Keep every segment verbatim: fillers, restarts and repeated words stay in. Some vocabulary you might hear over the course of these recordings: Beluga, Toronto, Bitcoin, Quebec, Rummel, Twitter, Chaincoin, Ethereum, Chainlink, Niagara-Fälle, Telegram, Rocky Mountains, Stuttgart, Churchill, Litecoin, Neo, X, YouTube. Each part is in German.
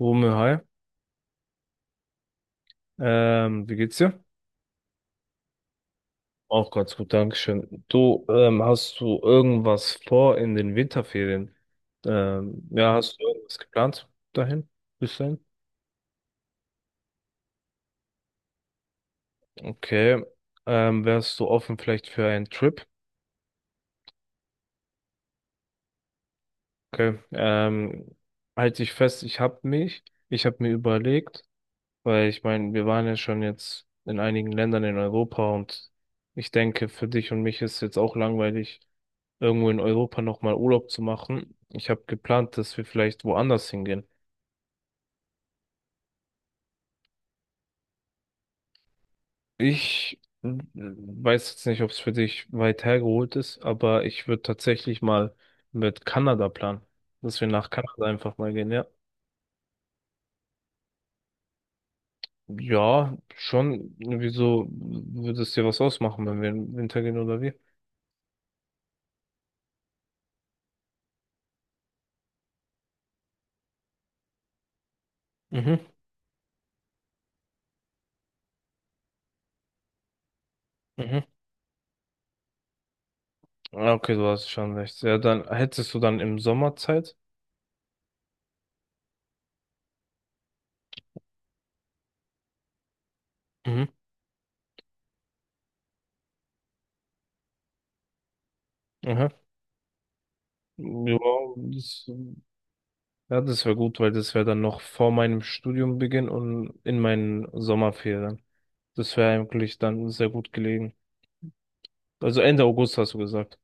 Rummel, hi. Ähm, wie geht's dir? Auch ganz gut, Dankeschön. Du, ähm, hast du irgendwas vor in den Winterferien? Ähm, ja, hast du irgendwas geplant dahin? Bis dahin? Okay. Ähm, wärst du offen vielleicht für einen Trip? Okay. Ähm, halt dich fest, ich hab mich, ich hab mir überlegt, weil ich meine, wir waren ja schon jetzt in einigen Ländern in Europa und ich denke, für dich und mich ist jetzt auch langweilig, irgendwo in Europa nochmal Urlaub zu machen. Ich habe geplant, dass wir vielleicht woanders hingehen. Ich äh, weiß jetzt nicht, ob es für dich weit hergeholt ist, aber ich würde tatsächlich mal mit Kanada planen, dass wir nach Kanada einfach mal gehen, ja. Ja, schon. Wieso, würde es dir was ausmachen, wenn wir im Winter gehen oder wie? Mhm. Mhm. Ja, okay, du hast schon recht. Ja, dann hättest du dann im Sommer Zeit. Mhm. Aha. Ja, das, ja, das wäre gut, weil das wäre dann noch vor meinem Studiumbeginn und in meinen Sommerferien. Das wäre eigentlich dann sehr gut gelegen. Also Ende August, hast du gesagt.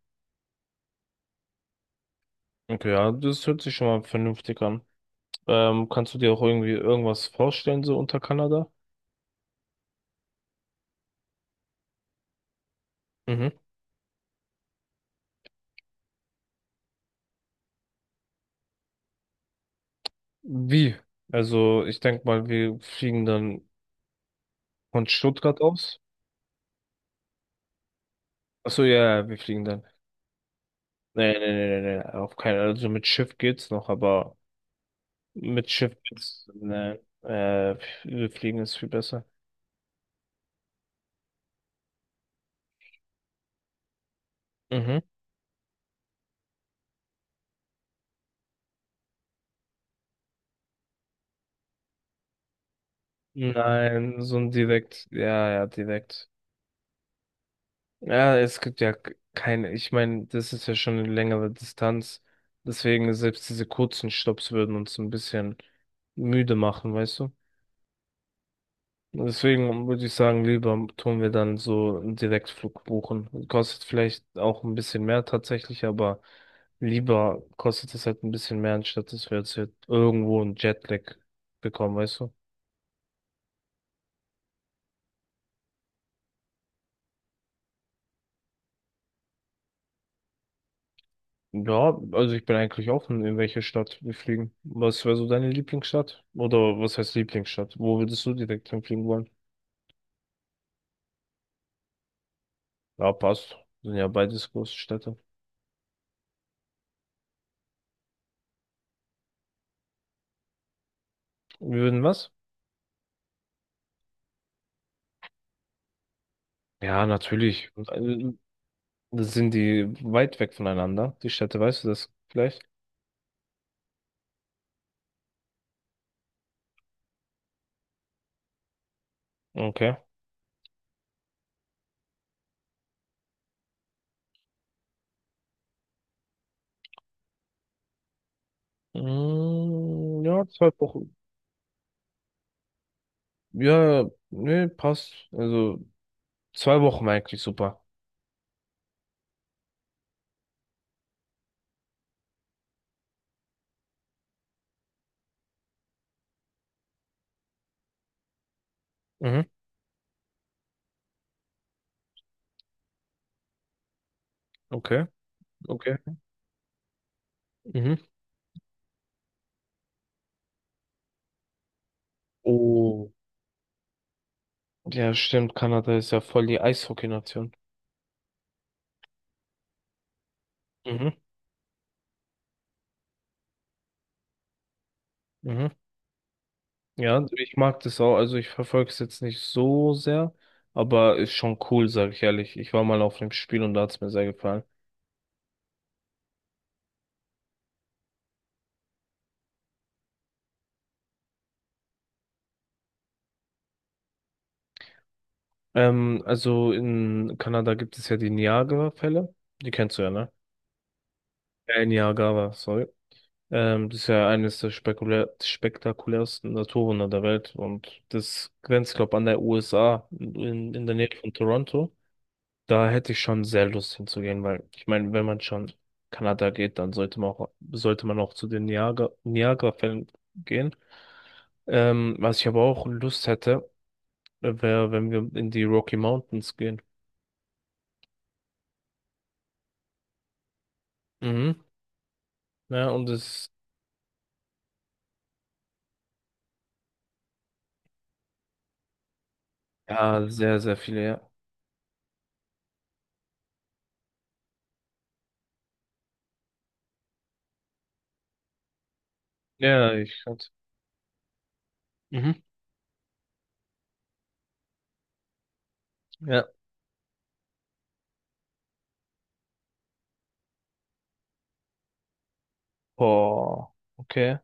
Okay, ja, das hört sich schon mal vernünftig an. Ähm, kannst du dir auch irgendwie irgendwas vorstellen, so unter Kanada? Mhm. Wie? Also, ich denke mal, wir fliegen dann von Stuttgart aus. Achso, ja, ja, wir fliegen dann. Nee, nee, nee, nee, nee, auf keinen Fall. Also mit Schiff geht's noch, aber mit Schiff geht's, nee, äh, wir fliegen ist viel besser. Mhm. Nein, so ein direkt, ja, ja, direkt. Ja, es gibt ja k- keine, ich meine, das ist ja schon eine längere Distanz. Deswegen selbst diese kurzen Stopps würden uns ein bisschen müde machen, weißt du? Deswegen würde ich sagen, lieber tun wir dann so einen Direktflug buchen. Kostet vielleicht auch ein bisschen mehr tatsächlich, aber lieber kostet es halt ein bisschen mehr, anstatt dass wir jetzt hier irgendwo einen Jetlag bekommen, weißt du? Ja, also ich bin eigentlich offen, in welche Stadt wir fliegen. Was wäre so deine Lieblingsstadt? Oder was heißt Lieblingsstadt? Wo würdest du direkt hinfliegen wollen? Ja, passt. Sind ja beides große Städte. Wir würden was? Ja, natürlich. Sind die weit weg voneinander, die Städte, weißt du das vielleicht? Okay. Mm, ja, zwei Wochen. Ja, nee, passt. Also zwei Wochen war eigentlich super. Mhm. Okay, okay. Mhm. Oh, ja, stimmt. Kanada ist ja voll die Eishockey-Nation. Mhm. Mhm. Ja, ich mag das auch. Also ich verfolge es jetzt nicht so sehr, aber ist schon cool, sag ich ehrlich. Ich war mal auf dem Spiel und da hat es mir sehr gefallen. Ähm, also in Kanada gibt es ja die Niagara-Fälle. Die kennst du ja, ne? Äh, Niagara, sorry. Ähm, das ist ja eines der spekulär spektakulärsten Naturwunder der Welt und das grenzt, glaube an der U S A in, in der Nähe von Toronto. Da hätte ich schon sehr Lust hinzugehen, weil ich meine, wenn man schon Kanada geht, dann sollte man auch, sollte man auch zu den Niagara, Niagara-Fällen gehen. Ähm, was ich aber auch Lust hätte, wäre, wenn wir in die Rocky Mountains gehen. Mhm. Ja, und es, ja, sehr, sehr viele, ja. Ja, ich kann's. Mhm. Ja. Boah, okay.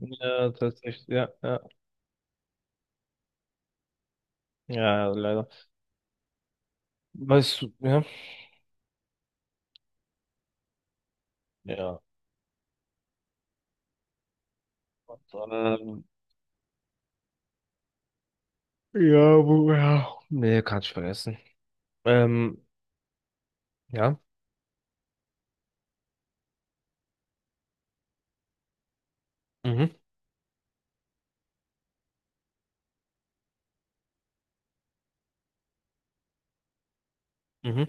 Ja, tatsächlich, ja, ja. Ja, leider. Weißt du, ja. Ja. Ähm, ja, wo, ja. Nee, kann ich vergessen. Ähm, ja. Mhm. Mhm.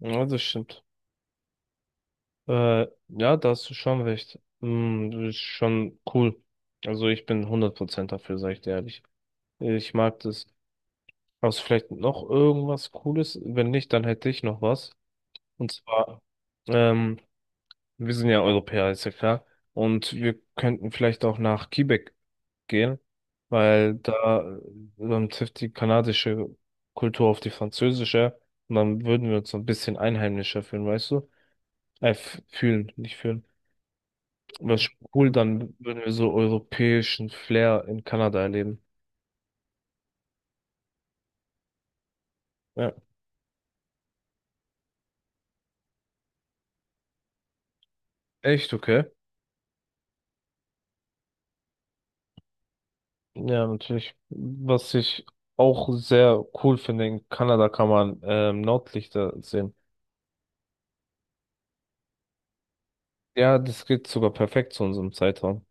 Ja, das stimmt. Äh, ja, da hast du schon recht. Hm, das ist schon cool. Also ich bin hundert Prozent dafür, sag ich dir ehrlich. Ich mag das. Hast du vielleicht noch irgendwas Cooles? Wenn nicht, dann hätte ich noch was. Und zwar, ähm, wir sind ja Europäer, ist ja klar. Und wir könnten vielleicht auch nach Quebec gehen, weil da ähm, trifft die kanadische Kultur auf die französische. Und dann würden wir uns so ein bisschen einheimischer fühlen, weißt du? Äh, f- fühlen, nicht fühlen. Was cool, dann würden wir so europäischen Flair in Kanada erleben. Ja, echt okay. Ja, natürlich. Was ich auch sehr cool finde, in Kanada kann man ähm, Nordlichter sehen. Ja, das geht sogar perfekt zu unserem Zeitraum.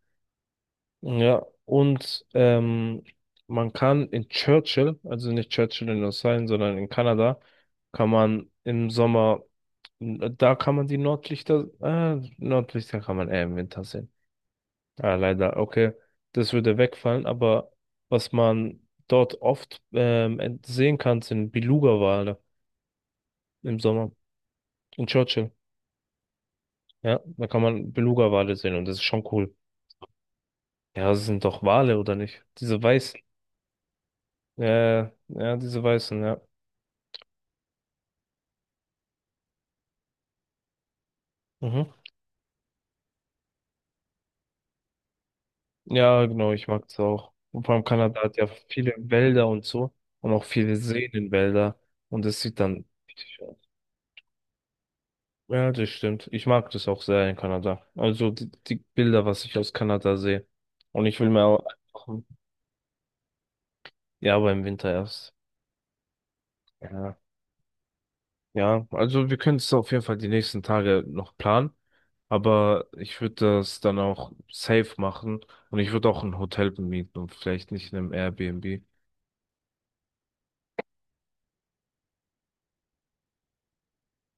Ja, und ähm, man kann in Churchill, also nicht Churchill in Australien, sondern in Kanada, kann man im Sommer, da kann man die Nordlichter, äh, Nordlichter kann man eher im Winter sehen. Ja, leider, okay. Das würde wegfallen, aber was man dort oft ähm, ent- sehen kann, sind Beluga-Wale im Sommer. In Churchill. Ja, da kann man Beluga-Wale sehen und das ist schon cool. Ja, das sind doch Wale, oder nicht? Diese weißen. Äh, ja, diese weißen, ja. Mhm. Ja, genau, ich mag es auch. Und vor allem Kanada hat ja viele Wälder und so und auch viele Seen in Wälder und es sieht dann Ja, das stimmt. Ich mag das auch sehr in Kanada. Also die, die Bilder, was ich aus Kanada sehe. Und ich will mir auch, ja, aber im Winter erst. Ja, ja, also wir können es auf jeden Fall die nächsten Tage noch planen. Aber ich würde das dann auch safe machen. Und ich würde auch ein Hotel bemieten und vielleicht nicht in einem Airbnb.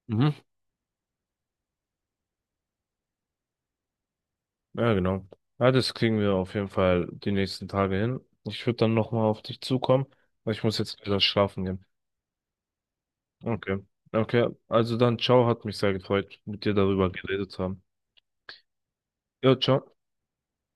Mhm. Ja, genau. Ja, das kriegen wir auf jeden Fall die nächsten Tage hin. Ich würde dann nochmal auf dich zukommen, weil ich muss jetzt wieder schlafen gehen. Okay. Okay. Also dann, ciao, hat mich sehr gefreut, mit dir darüber geredet zu haben. Ja, ciao.